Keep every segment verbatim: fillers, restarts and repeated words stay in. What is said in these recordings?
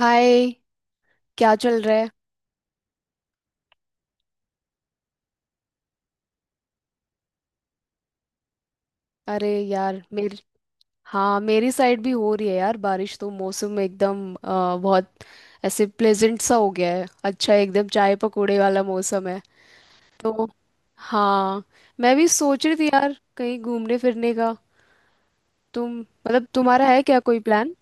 हाय। क्या चल रहा है? अरे यार, मेरी। हाँ, मेरी साइड भी हो रही है यार बारिश, तो मौसम एकदम अ, बहुत ऐसे प्लेजेंट सा हो गया है। अच्छा, एकदम चाय पकौड़े वाला मौसम है तो। हाँ, मैं भी सोच रही थी यार कहीं घूमने फिरने का। तुम, मतलब तुम्हारा है क्या कोई प्लान?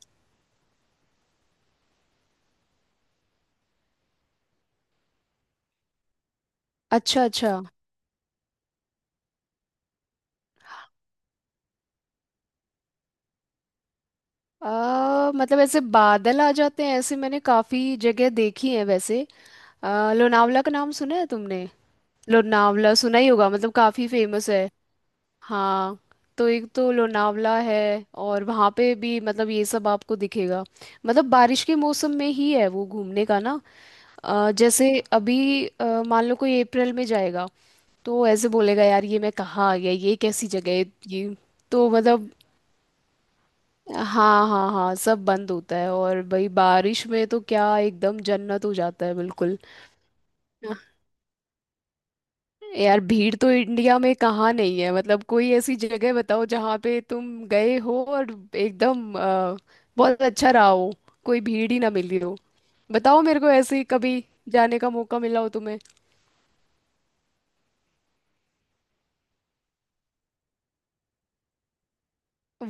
अच्छा अच्छा। आ, मतलब ऐसे बादल आ जाते हैं, ऐसे मैंने काफी जगह देखी है वैसे। आ, लोनावला का नाम सुना है तुमने? लोनावला सुना ही होगा, मतलब काफी फेमस है। हाँ, तो एक तो लोनावला है। और वहाँ पे भी मतलब ये सब आपको दिखेगा। मतलब बारिश के मौसम में ही है वो घूमने का ना। अ, जैसे अभी अ, मान लो कोई अप्रैल में जाएगा, तो ऐसे बोलेगा यार ये मैं कहाँ आ गया, ये कैसी जगह है? ये तो मतलब, हाँ हाँ हाँ, सब बंद होता है और भाई बारिश में तो क्या एकदम जन्नत हो जाता है, बिल्कुल। यार, भीड़ तो इंडिया में कहाँ नहीं है। मतलब कोई ऐसी जगह बताओ जहाँ पे तुम गए हो और एकदम अ, बहुत अच्छा रहा हो, कोई भीड़ ही ना मिली हो। बताओ मेरे को ऐसे ही कभी जाने का मौका मिला हो तुम्हें।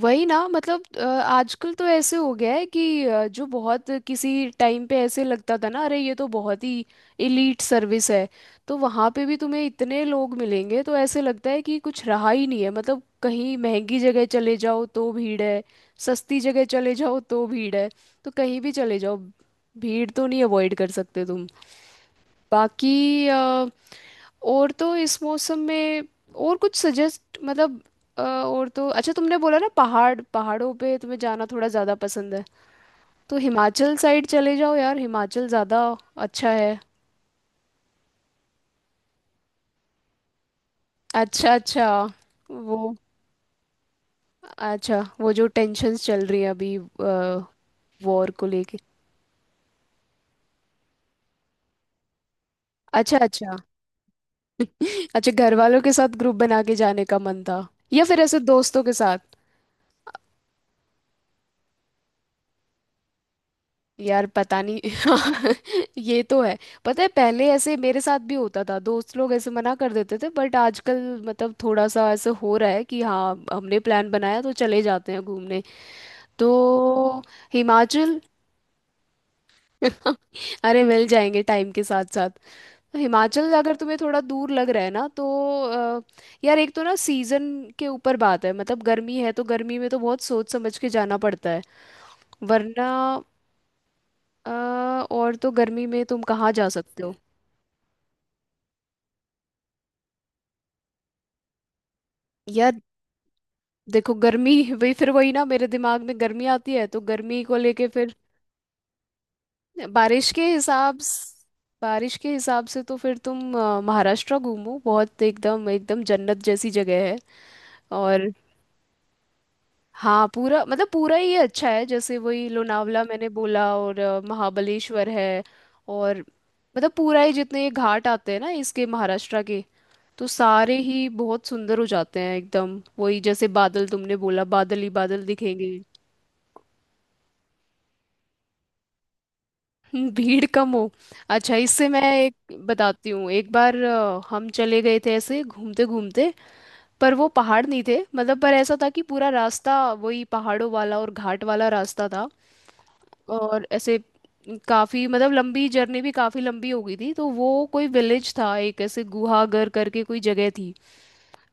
वही ना, मतलब अ, आजकल तो ऐसे हो गया है कि अ, जो बहुत किसी टाइम पे ऐसे लगता था ना, अरे ये तो बहुत ही इलीट सर्विस है, तो वहाँ पे भी तुम्हें इतने लोग मिलेंगे तो ऐसे लगता है कि कुछ रहा ही नहीं है। मतलब कहीं महंगी जगह चले जाओ तो भीड़ है, सस्ती जगह चले जाओ तो भीड़ है, तो कहीं भी चले जाओ भीड़ तो नहीं अवॉइड कर सकते तुम। बाकी अ, और तो इस मौसम में और कुछ सजेस्ट, मतलब अ, और तो अच्छा, तुमने बोला ना पहाड़ पहाड़ों पे तुम्हें जाना थोड़ा ज़्यादा पसंद है, तो हिमाचल साइड चले जाओ यार, हिमाचल ज़्यादा अच्छा है। अच्छा अच्छा। वो, अच्छा, वो जो टेंशन्स चल रही है अभी, वॉर को लेके। अच्छा अच्छा। अच्छा, घर वालों के साथ ग्रुप बना के जाने का मन था, या फिर ऐसे दोस्तों के साथ। यार पता नहीं। हाँ, ये तो है। पता है पहले ऐसे मेरे साथ भी होता था, दोस्त लोग ऐसे मना कर देते थे, बट आजकल मतलब थोड़ा सा ऐसे हो रहा है कि हाँ, हमने प्लान बनाया तो चले जाते हैं घूमने। तो हिमाचल। अरे मिल जाएंगे टाइम के साथ साथ। तो हिमाचल अगर तुम्हें थोड़ा दूर लग रहा है ना, तो अ, यार एक तो ना सीजन के ऊपर बात है, मतलब गर्मी है तो गर्मी में तो बहुत सोच समझ के जाना पड़ता है, वरना अ, और तो गर्मी में तुम कहाँ जा सकते हो। यार देखो गर्मी। वही फिर, वही ना, मेरे दिमाग में गर्मी आती है तो गर्मी को लेके फिर। बारिश के हिसाब स- बारिश के हिसाब से तो फिर तुम अ, महाराष्ट्र घूमो, बहुत एकदम एकदम जन्नत जैसी जगह है। और हाँ, पूरा, मतलब पूरा ही अच्छा है। जैसे वही लोनावला मैंने बोला और अ, महाबलेश्वर है। और मतलब पूरा ही जितने ये घाट आते हैं ना, इसके महाराष्ट्र के, तो सारे ही बहुत सुंदर हो जाते हैं एकदम। वही जैसे बादल तुमने बोला, बादल ही बादल दिखेंगे। हम्म, भीड़ कम हो। अच्छा, इससे मैं एक बताती हूँ। एक बार अ, हम चले गए थे ऐसे घूमते घूमते, पर वो पहाड़ नहीं थे, मतलब पर ऐसा था कि पूरा रास्ता वही पहाड़ों वाला और घाट वाला रास्ता था। और ऐसे काफ़ी, मतलब लंबी जर्नी भी काफ़ी लंबी हो गई थी। तो वो कोई विलेज था, एक ऐसे गुहागर करके कोई जगह थी।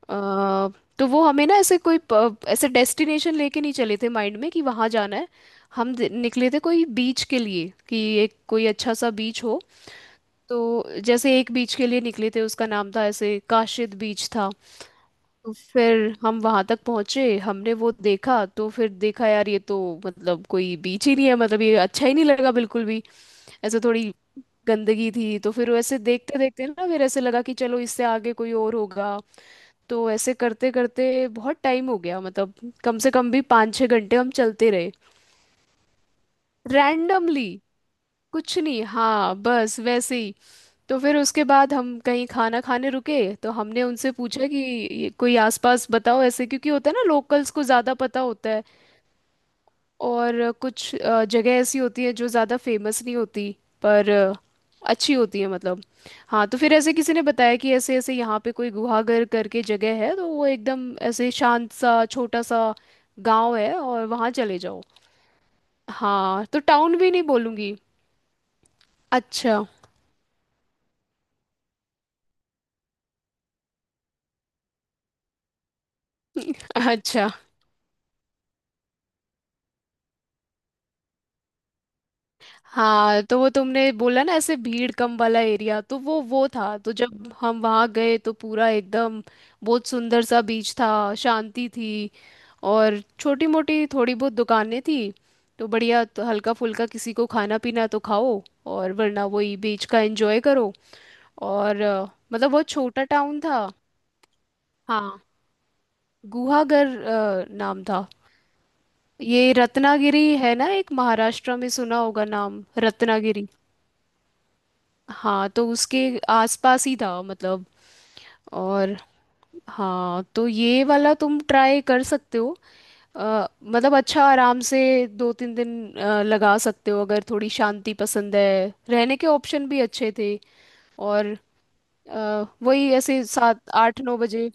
अ, तो वो हमें ना ऐसे कोई प- ऐसे डेस्टिनेशन लेके नहीं चले थे माइंड में कि वहाँ जाना है, हम दे- निकले थे कोई बीच के लिए कि एक कोई अच्छा सा बीच हो। तो जैसे एक बीच के लिए निकले थे उसका नाम था ऐसे काशिद बीच था। तो फिर हम वहाँ तक पहुँचे, हमने वो देखा तो फिर देखा, यार ये तो मतलब कोई बीच ही नहीं है, मतलब ये अच्छा ही नहीं लगा बिल्कुल भी। ऐसे थोड़ी गंदगी थी। तो फिर वैसे देखते देखते ना, फिर ऐसे लगा कि चलो इससे आगे कोई और होगा। तो ऐसे करते करते बहुत टाइम हो गया, मतलब कम से कम भी पाँच छः घंटे हम चलते रहे। रैंडमली। कुछ नहीं, हाँ, बस वैसे ही। तो फिर उसके बाद हम कहीं खाना खाने रुके तो हमने उनसे पूछा कि ये कोई आसपास बताओ ऐसे, क्योंकि होता है ना, लोकल्स को ज़्यादा पता होता है और कुछ अ, जगह ऐसी होती है जो ज़्यादा फेमस नहीं होती, पर अ, अच्छी होती है, मतलब। हाँ, तो फिर ऐसे किसी ने बताया कि ऐसे ऐसे यहाँ पे कोई गुहागर करके जगह है, तो वो एकदम ऐसे शांत सा छोटा सा गांव है और वहाँ चले जाओ। हाँ, तो टाउन भी नहीं बोलूँगी। अच्छा। अच्छा। हाँ, तो वो तुमने बोला ना ऐसे भीड़ कम वाला एरिया, तो वो वो था। तो जब हम वहाँ गए तो पूरा एकदम बहुत सुंदर सा बीच था। शांति थी। और छोटी मोटी थोड़ी बहुत दुकानें थी। तो बढ़िया। तो हल्का फुल्का किसी को खाना पीना तो खाओ, और वरना वही बीच का एंजॉय करो। और अ, मतलब बहुत छोटा टाउन था। हाँ, गुहागर अ, नाम था। ये रत्नागिरी है ना, एक महाराष्ट्र में, सुना होगा नाम रत्नागिरी। हाँ, तो उसके आसपास ही था मतलब। और हाँ, तो ये वाला तुम ट्राई कर सकते हो। अ, मतलब अच्छा, आराम से दो तीन दिन अ, लगा सकते हो अगर थोड़ी शांति पसंद है। रहने के ऑप्शन भी अच्छे थे, और अ, वही ऐसे सात आठ नौ बजे।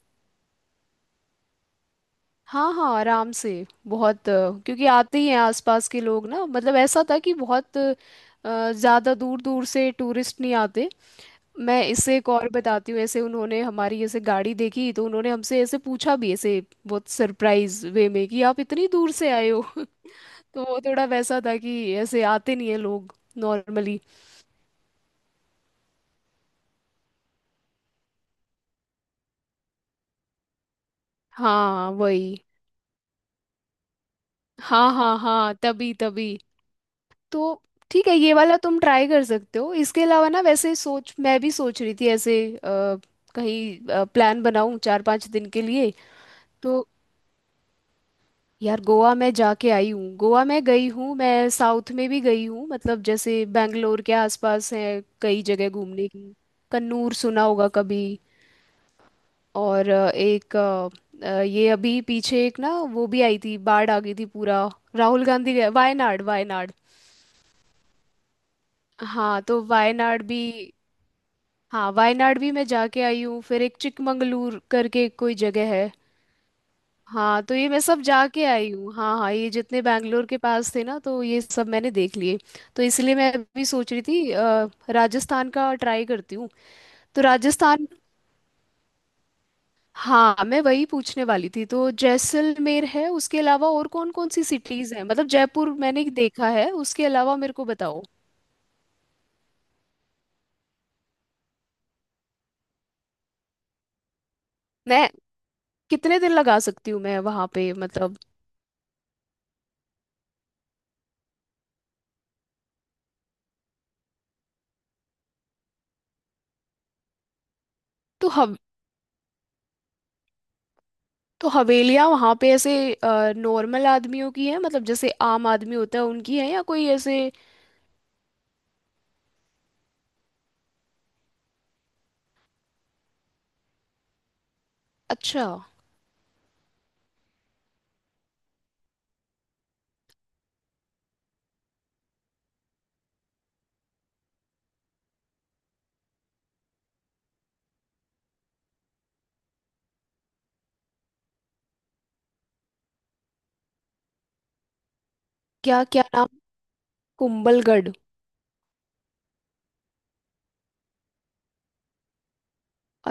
हाँ हाँ, आराम से। बहुत अ, क्योंकि आते ही हैं आसपास के लोग ना, मतलब ऐसा था कि बहुत अ, ज़्यादा दूर दूर से टूरिस्ट नहीं आते। मैं इससे एक और बताती हूँ। ऐसे उन्होंने हमारी ऐसे गाड़ी देखी तो उन्होंने हमसे ऐसे पूछा भी, ऐसे बहुत सरप्राइज वे में, कि आप इतनी दूर से आए हो। तो वो थोड़ा वैसा था कि ऐसे आते नहीं है लोग नॉर्मली। हाँ, वही। हाँ हाँ हाँ, तभी तभी। तो ठीक है, ये वाला तुम ट्राई कर सकते हो। इसके अलावा ना, वैसे सोच मैं भी सोच रही थी ऐसे अ, कहीं प्लान बनाऊं चार पांच दिन के लिए। तो यार गोवा मैं जाके आई हूँ, गोवा मैं गई हूँ, मैं साउथ में भी गई हूँ, मतलब जैसे बैंगलोर के आसपास है कई जगह घूमने की। कन्नूर सुना होगा कभी? और अ, एक अ, अ, ये अभी पीछे एक ना वो भी आई थी, बाढ़ आ गई थी पूरा, राहुल गांधी गया, वायनाड वायनाड। हाँ, तो वायनाड भी। हाँ, वायनाड भी मैं जाके आई हूँ। फिर एक चिकमंगलूर करके कोई जगह है। हाँ, तो ये मैं सब जाके आई हूँ। हाँ हाँ, ये जितने बैंगलोर के पास थे ना, तो ये सब मैंने देख लिए। तो इसलिए मैं अभी सोच रही थी अ, राजस्थान का ट्राई करती हूँ। तो राजस्थान, हाँ, मैं वही पूछने वाली थी। तो जैसलमेर है उसके अलावा और कौन कौन सी सिटीज हैं, मतलब जयपुर मैंने देखा है उसके अलावा मेरे को बताओ। मैं कितने दिन लगा सकती हूँ मैं वहाँ पे, मतलब? तो हम, तो हवेलियाँ वहाँ पे ऐसे नॉर्मल आदमियों की है, मतलब जैसे आम आदमी होता है उनकी है, या कोई ऐसे? अच्छा। क्या क्या नाम? कुंभलगढ़।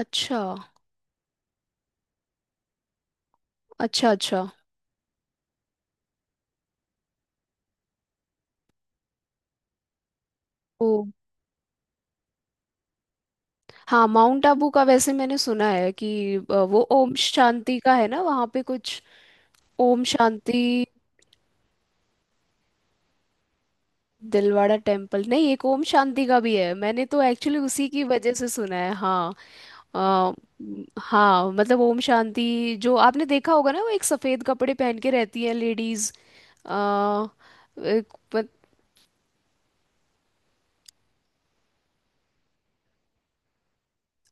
अच्छा अच्छा। अच्छा। ओ हाँ, माउंट आबू का वैसे मैंने सुना है कि अ, वो ओम शांति का है ना वहाँ पे कुछ। ओम शांति। दिलवाड़ा टेम्पल नहीं, एक ओम शांति का भी है, मैंने तो एक्चुअली उसी की वजह से सुना है, हाँ। अ, म, हाँ, मतलब ओम शांति जो आपने देखा होगा ना, वो एक सफेद कपड़े पहन के रहती है लेडीज।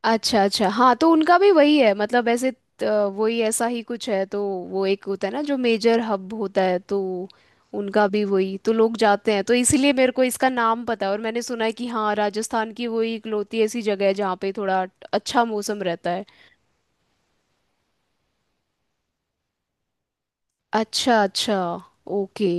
अच्छा अच्छा। हाँ, तो उनका भी वही है, मतलब ऐसे अ, वही ऐसा ही कुछ है तो। वो एक होता है ना जो मेजर हब होता है, तो उनका भी वही तो लोग जाते हैं, तो इसीलिए मेरे को इसका नाम पता है। और मैंने सुना है कि हाँ, राजस्थान की वही इकलौती ऐसी जगह है जहाँ पे थोड़ा अच्छा मौसम रहता है। अच्छा अच्छा। ओके।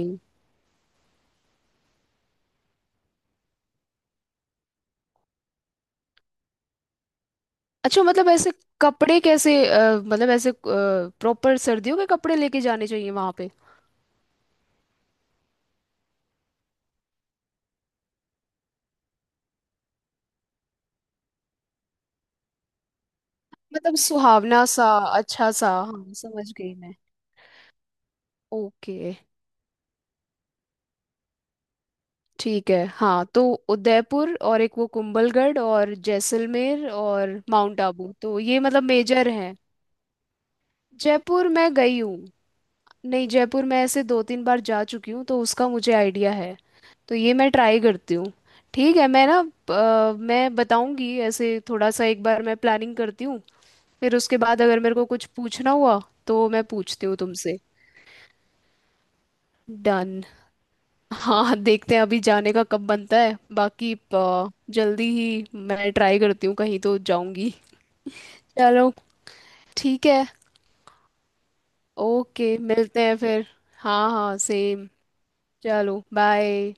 अच्छा मतलब ऐसे कपड़े कैसे अ, मतलब ऐसे प्रॉपर सर्दियों के कपड़े लेके जाने चाहिए वहाँ पे? मतलब सुहावना सा अच्छा सा, हाँ, समझ गई मैं। ओके। ठीक है। हाँ, तो उदयपुर और एक वो कुंभलगढ़ और जैसलमेर और माउंट आबू, तो ये मतलब मेजर हैं। जयपुर मैं गई हूँ। नहीं, जयपुर मैं ऐसे दो तीन बार जा चुकी हूँ, तो उसका मुझे आइडिया है। तो ये मैं ट्राई करती हूँ। ठीक है, मैं ना अ, मैं बताऊंगी ऐसे थोड़ा सा, एक बार मैं प्लानिंग करती हूँ, फिर उसके बाद अगर मेरे को कुछ पूछना हुआ तो मैं पूछती हूँ तुमसे। डन। हाँ, देखते हैं अभी जाने का कब बनता है, बाकी अ, जल्दी ही मैं ट्राई करती हूँ, कहीं तो जाऊंगी। चलो, ठीक है। ओके, मिलते हैं फिर। हाँ हाँ, सेम। चलो बाय।